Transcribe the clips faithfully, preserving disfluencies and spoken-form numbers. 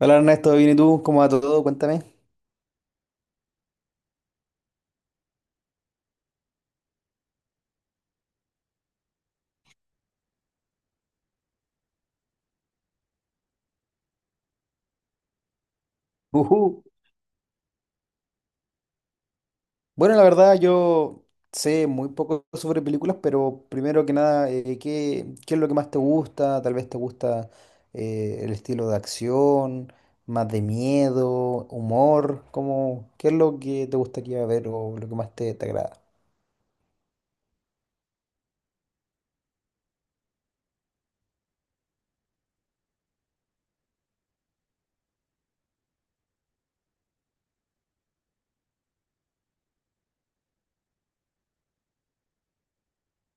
Hola Ernesto, bien y tú, ¿cómo va todo? Cuéntame. Ujú. Bueno, la verdad yo sé muy poco sobre películas, pero primero que nada, eh, ¿qué, qué es lo que más te gusta? Tal vez te gusta eh, el estilo de acción, más de miedo, humor, ¿cómo, qué es lo que te gustaría ver o lo que más te, te agrada?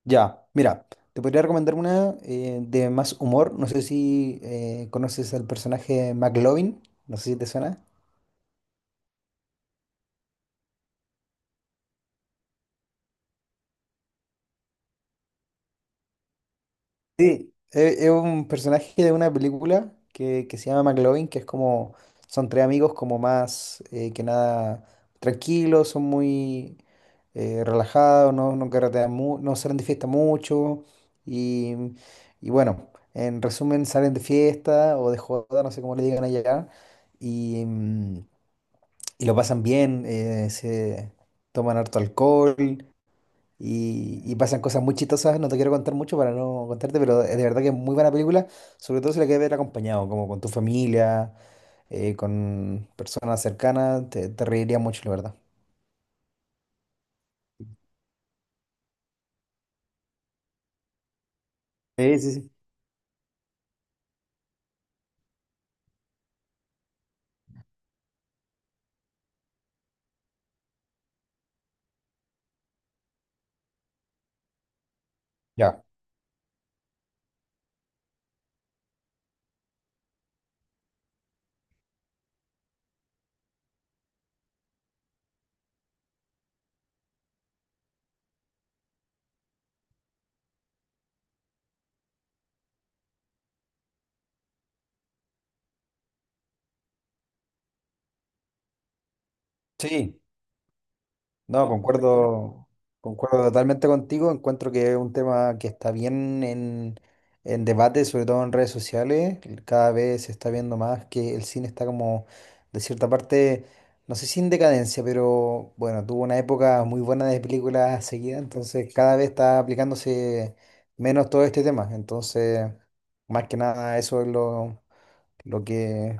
Ya, mira, te podría recomendar una eh, de más humor. No sé si eh, conoces al personaje McLovin, no sé si te suena. Sí, es, es un personaje de una película que, que se llama McLovin, que es como, son tres amigos como más eh, que nada tranquilos, son muy eh, relajados, no, no carretean mu- no salen de fiesta mucho y, y bueno, en resumen salen de fiesta o de joda, no sé cómo le digan allá, y, mm, y lo pasan bien, eh, se toman harto alcohol, y, y pasan cosas muy chistosas, no te quiero contar mucho para no contarte, pero de verdad que es muy buena película, sobre todo si la quieres ver acompañado, como con tu familia, eh, con personas cercanas, te, te reirías mucho, la verdad. Sí, sí, sí. Ya. Sí, no, concuerdo, concuerdo totalmente contigo. Encuentro que es un tema que está bien en, en debate, sobre todo en redes sociales. Cada vez se está viendo más que el cine está como, de cierta parte, no sé si en decadencia, pero bueno, tuvo una época muy buena de películas seguidas, entonces cada vez está aplicándose menos todo este tema. Entonces, más que nada, eso es lo, lo que,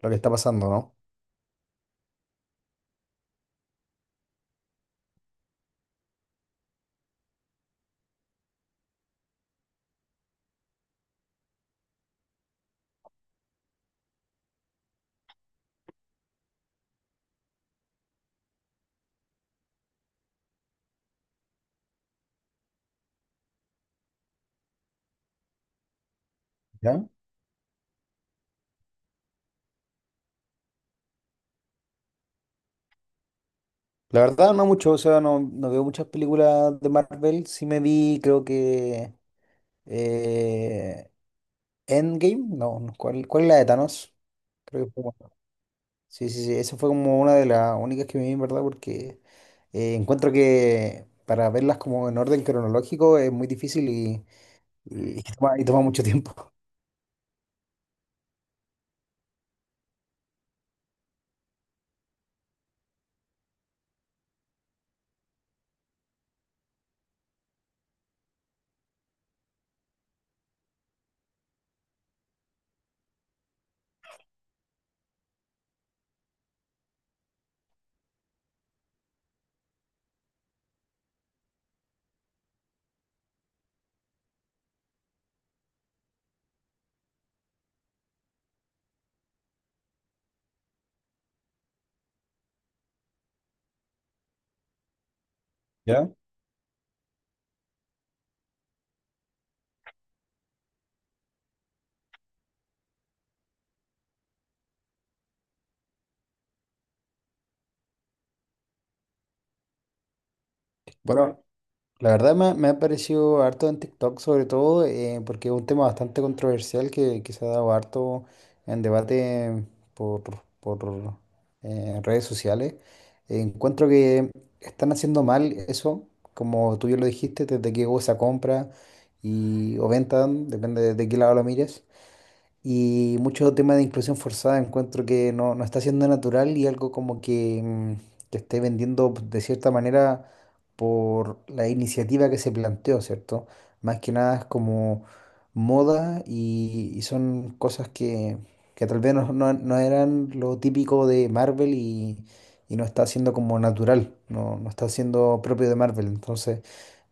lo que está pasando, ¿no? ¿Ya? La verdad, no mucho, o sea, no, no veo muchas películas de Marvel. Sí me vi, creo que eh, Endgame, no, no, ¿cuál, cuál es la de Thanos? Creo que fue- Sí, sí, sí, esa fue como una de las únicas que me vi, en verdad, porque eh, encuentro que para verlas como en orden cronológico es muy difícil y, y, toma, y toma mucho tiempo. ¿Ya? Bueno, la verdad me, ha- me ha parecido harto en TikTok, sobre todo eh, porque es un tema bastante controversial que, que se ha dado harto en debate por, por, eh, redes sociales. Encuentro que están haciendo mal eso, como tú ya lo dijiste, desde que hubo esa compra y, o venta, depende de, de qué lado lo mires. Y mucho tema de inclusión forzada encuentro que no, no está siendo natural y algo como que, mm, que esté vendiendo de cierta manera por la iniciativa que se planteó, ¿cierto? Más que nada es como moda y, y son cosas que, que tal vez no, no- no eran lo típico de Marvel y, y no está siendo como natural, no, no está siendo propio de Marvel. Entonces,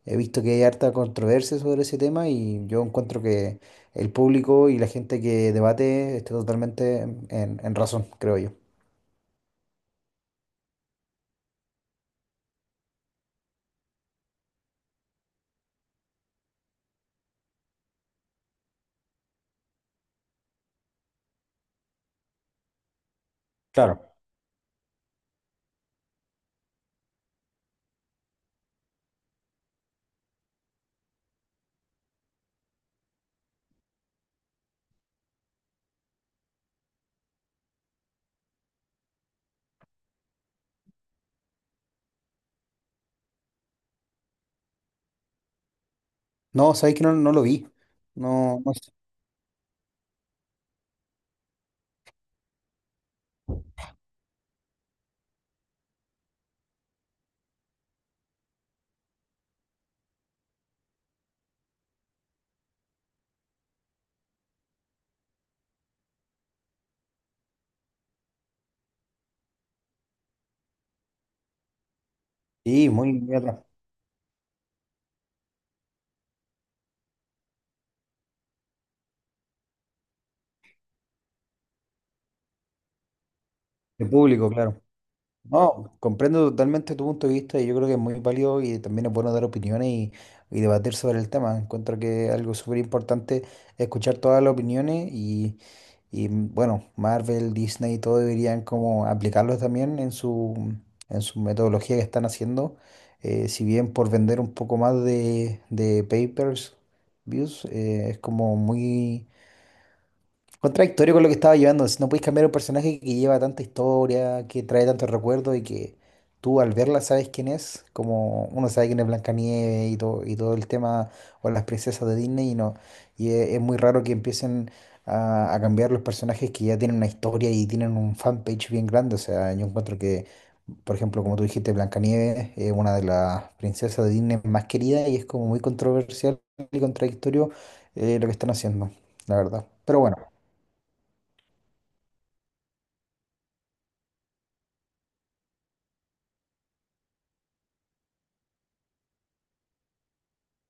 he visto que hay harta controversia sobre ese tema y yo encuentro que el público y la gente que debate está totalmente en, en razón, creo yo. Claro. No, sabéis que no, no lo vi. No, no sé. Sí, muy, muy atrás. De público, claro. No, comprendo totalmente tu punto de vista y yo creo que es muy válido y también es bueno dar opiniones y, y debatir sobre el tema. Encuentro que algo súper importante es escuchar todas las opiniones y, y, mm, bueno, Marvel, Disney, todo deberían como aplicarlo también en su, en su metodología que están haciendo. Eh, si bien por vender un poco más de, de papers, views, eh, es como muy contradictorio con lo que estaba llevando. Si no puedes cambiar un personaje que lleva tanta historia, que trae tantos recuerdos y que tú al verla sabes quién es. Como uno sabe quién es Blancanieves y todo, y todo el tema, o las princesas de Disney, y no. Y e- es muy raro que empiecen a, a cambiar los personajes que ya tienen una historia y tienen un fanpage bien grande. O sea, yo encuentro que, por ejemplo, como tú dijiste, Blancanieves es una de las princesas de Disney más queridas y es como muy controversial y contradictorio eh, lo que están haciendo, la verdad. Pero bueno.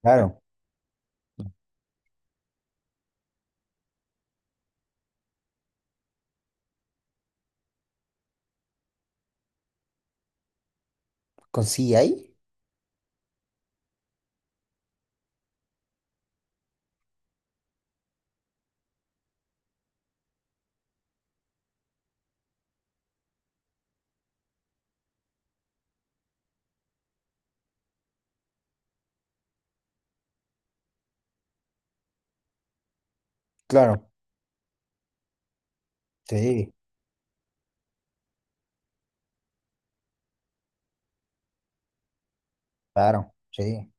Claro, ¿con ahí? Claro, sí, claro, sí,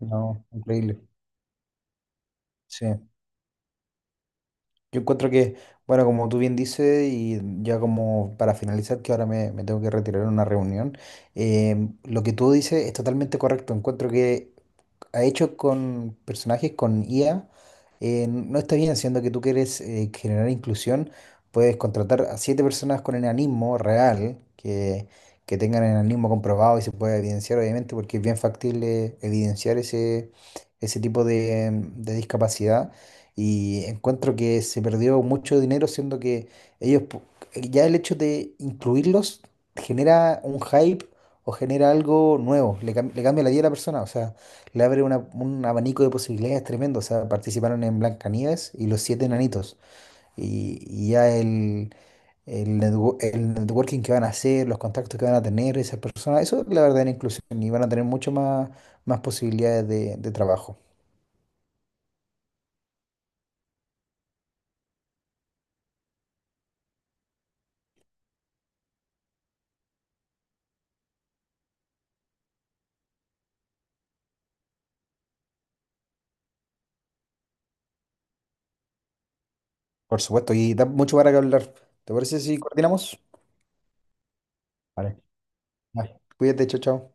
no, increíble, sí. Yo encuentro que, bueno, como tú bien dices, y ya como para finalizar, que ahora me, me tengo que retirar en una reunión, eh, lo que tú dices es totalmente correcto. Encuentro que ha hecho con personajes con I A, eh, no está bien, siendo que tú quieres eh, generar inclusión, puedes contratar a siete personas con enanismo real, que, que tengan enanismo comprobado y se pueda evidenciar, obviamente, porque es bien factible evidenciar ese, ese tipo de, de discapacidad. Y encuentro que se perdió mucho dinero, siendo que ellos, pu- ya el hecho de incluirlos genera un hype o genera algo nuevo, le, cam- le cambia la vida a la persona, o sea le abre una- un abanico de posibilidades tremendo. O sea, participaron en Blancanieves y Los Siete Enanitos. Y, y ya el, el, netwo- el networking que van a hacer, los contactos que van a tener esas personas, eso es la verdadera inclusión y van a tener mucho más, más posibilidades de, de trabajo. Por supuesto, y da mucho para que hablar. ¿Te parece si coordinamos? Vale. Vale. Cuídate, chao, chao.